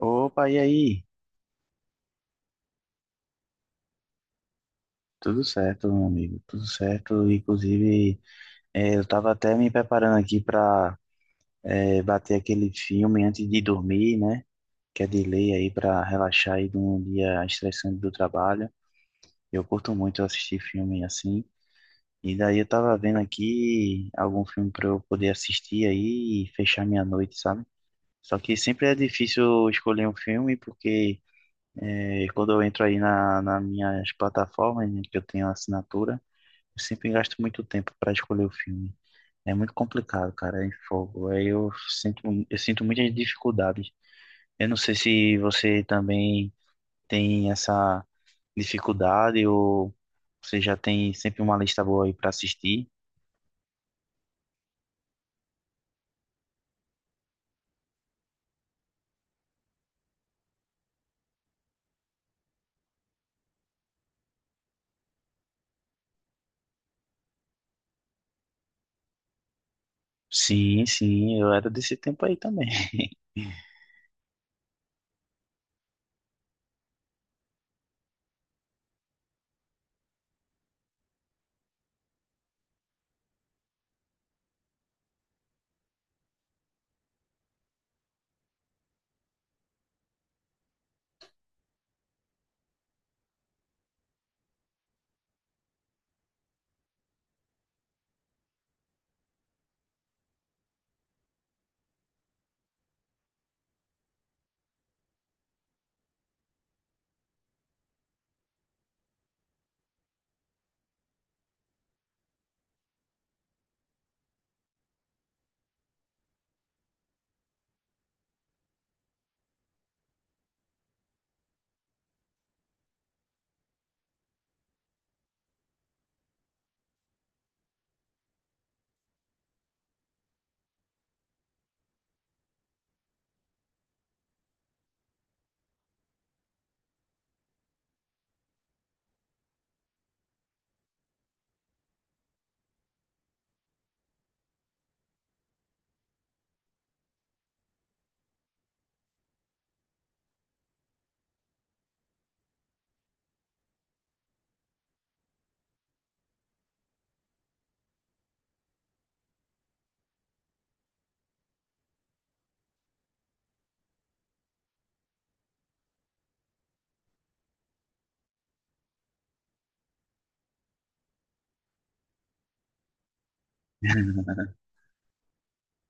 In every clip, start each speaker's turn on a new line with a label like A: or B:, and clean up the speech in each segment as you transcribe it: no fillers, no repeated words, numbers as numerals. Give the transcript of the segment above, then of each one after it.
A: Opa, e aí? Tudo certo, meu amigo, tudo certo. Inclusive, eu estava até me preparando aqui para bater aquele filme antes de dormir, né? Que é de lei aí para relaxar aí de um dia estressante do trabalho. Eu curto muito assistir filme assim. E daí eu tava vendo aqui algum filme para eu poder assistir aí e fechar minha noite, sabe? Só que sempre é difícil escolher um filme porque quando eu entro aí nas minhas plataformas, né, que eu tenho assinatura. Eu sempre gasto muito tempo para escolher o filme. É muito complicado, cara, em fogo. Eu sinto muitas dificuldades. Eu não sei se você também tem essa dificuldade ou você já tem sempre uma lista boa aí para assistir. Sim, sim, eu era desse tempo aí também.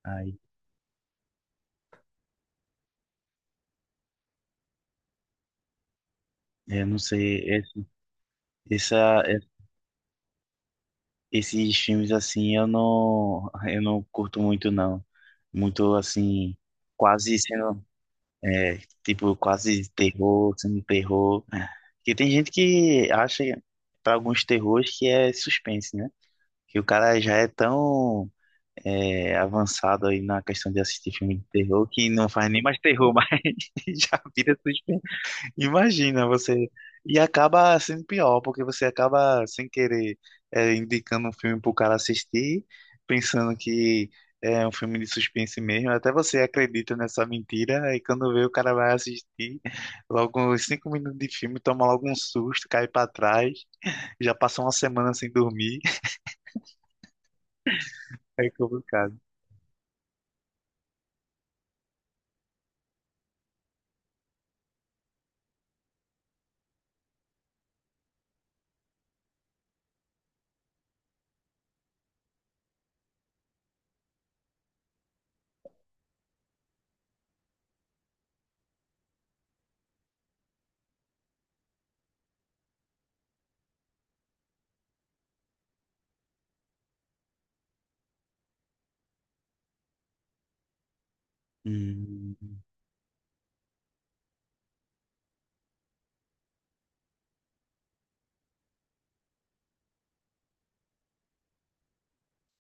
A: Aí, eu não sei, essa, esses filmes assim eu não curto muito não. Muito assim, quase sendo tipo, quase terror, semi-terror. Que tem gente que acha, para alguns terrores, que é suspense, né? Que o cara já é tão avançado aí na questão de assistir filme de terror que não faz nem mais terror, mas já vira suspense. Imagina você. E acaba sendo pior, porque você acaba sem querer indicando um filme para o cara assistir, pensando que é um filme de suspense mesmo. Até você acredita nessa mentira, e quando vê o cara vai assistir, logo uns cinco minutos de filme, toma logo um susto, cai para trás, já passa uma semana sem dormir. É complicado. Hum.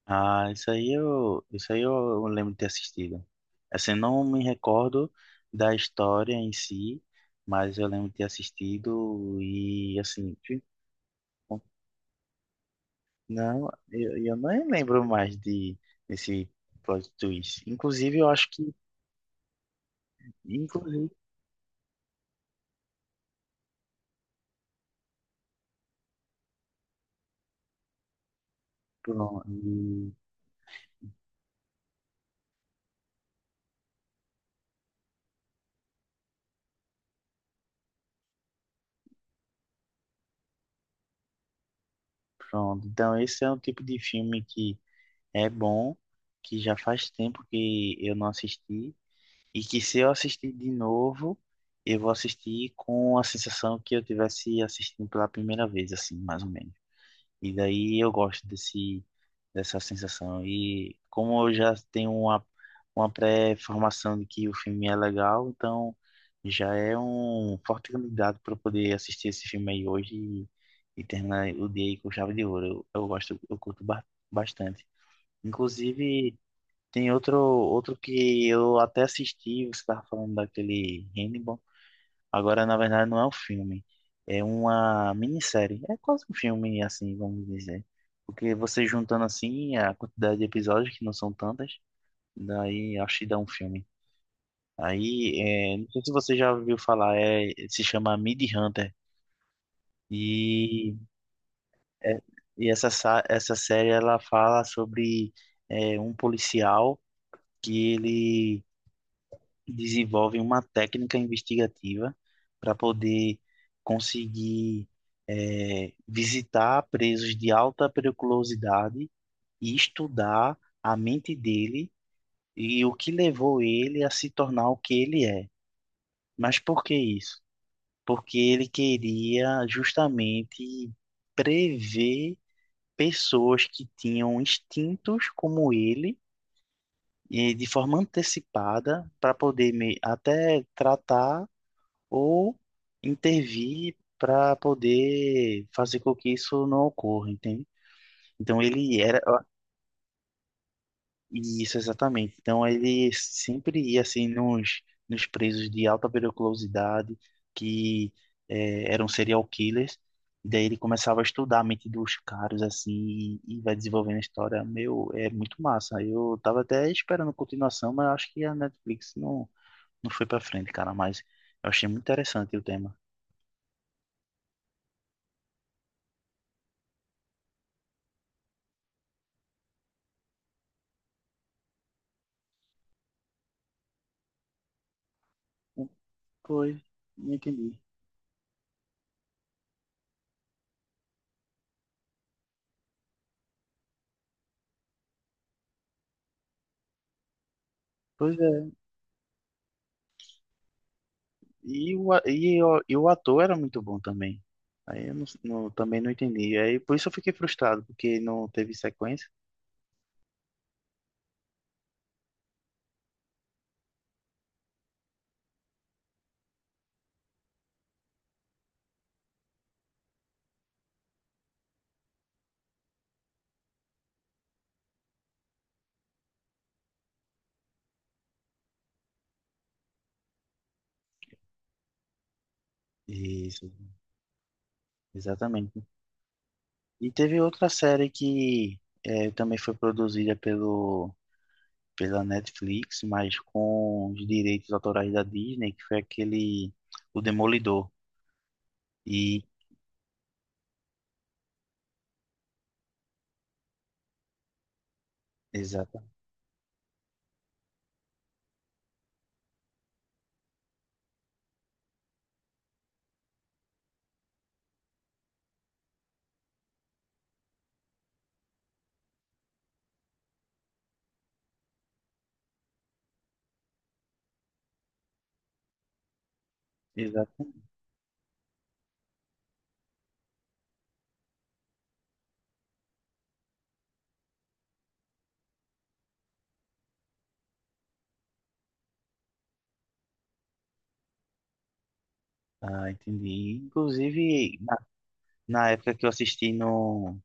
A: Ah, isso aí eu lembro de ter assistido. Assim, eu não me recordo da história em si, mas eu lembro de ter assistido e assim, que- não, eu nem lembro mais de desse plot twist. Inclusive, eu acho que, inclusive, pronto, e- pronto. Então, esse é um tipo de filme que é bom, que já faz tempo que eu não assisti. E que se eu assistir de novo, eu vou assistir com a sensação que eu tivesse assistindo pela primeira vez, assim, mais ou menos. E daí eu gosto dessa sensação. E como eu já tenho uma pré-formação de que o filme é legal, então já é um forte candidato para eu poder assistir esse filme aí hoje e terminar o dia aí com chave de ouro. Eu gosto, bastante. Inclusive. Tem outro que eu até assisti, você estava falando daquele Hannibal. Agora, na verdade, não é um filme, é uma minissérie. É quase um filme, assim, vamos dizer. Porque você juntando assim a quantidade de episódios, que não são tantas, daí acho que dá um filme. Aí, não sei se você já ouviu falar, se chama Mid Hunter. E, é, e essa série ela fala sobre um policial que ele desenvolvem uma técnica investigativa para poder conseguir visitar presos de alta periculosidade e estudar a mente dele e o que levou ele a se tornar o que ele é. Mas por que isso? Porque ele queria justamente prever pessoas que tinham instintos como ele, e de forma antecipada, para poder até tratar ou intervir para poder fazer com que isso não ocorra, entende? Então ele era isso exatamente. Então ele sempre ia assim nos presos de alta periculosidade que eram serial killers. E daí ele começava a estudar a mente dos caras assim e vai desenvolvendo a história. Meu, é muito massa. Eu tava até esperando continuação, mas acho que a Netflix não foi para frente, cara, mas eu achei muito interessante o tema. Pois, não entendi. Pois é. E o, a- e o ator era muito bom também. Aí eu não, não- também não entendi. Aí por isso eu fiquei frustrado, porque não teve sequência. Isso, exatamente. E teve outra série que também foi produzida pela Netflix, mas com os direitos autorais da Disney, que foi aquele O Demolidor. E exata, exatamente. Ah, entendi. Inclusive, na época que eu assisti no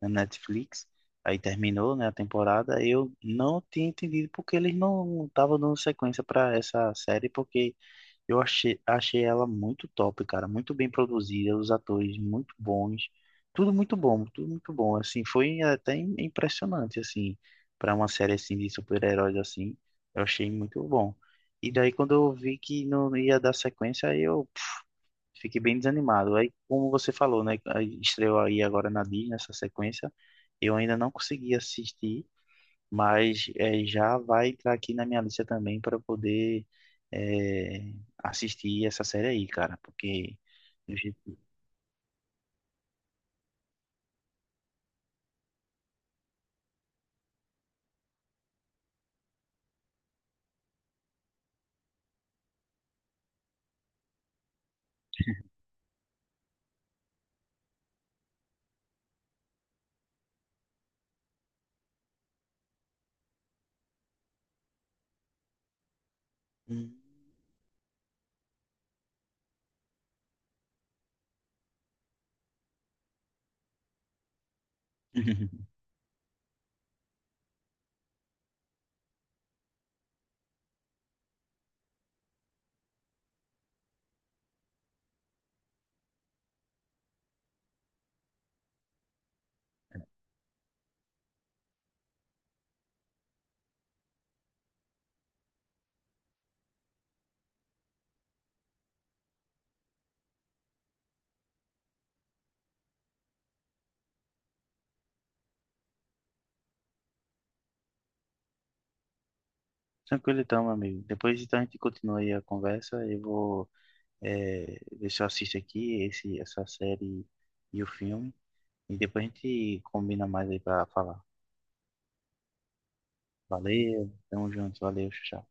A: na Netflix. Aí terminou, né, a temporada. Eu não tinha entendido porque eles não estavam dando sequência para essa série, porque achei ela muito top, cara, muito bem produzida, os atores muito bons, tudo muito bom. Assim, foi até impressionante assim para uma série assim de super-heróis assim. Eu achei muito bom. E daí quando eu vi que não ia dar sequência, aí eu fiquei bem desanimado. Aí, como você falou, né? aí Estreou aí agora na Disney essa sequência. Eu ainda não consegui assistir, mas já vai entrar aqui na minha lista também para poder eh, assistir essa série aí, cara. Porque. Do jeito- Hum. Tranquilo então, meu amigo. Depois então a gente continua aí a conversa. Ver se eu assisto aqui essa série e o filme. E depois a gente combina mais aí para falar. Valeu, tamo junto, valeu, tchau.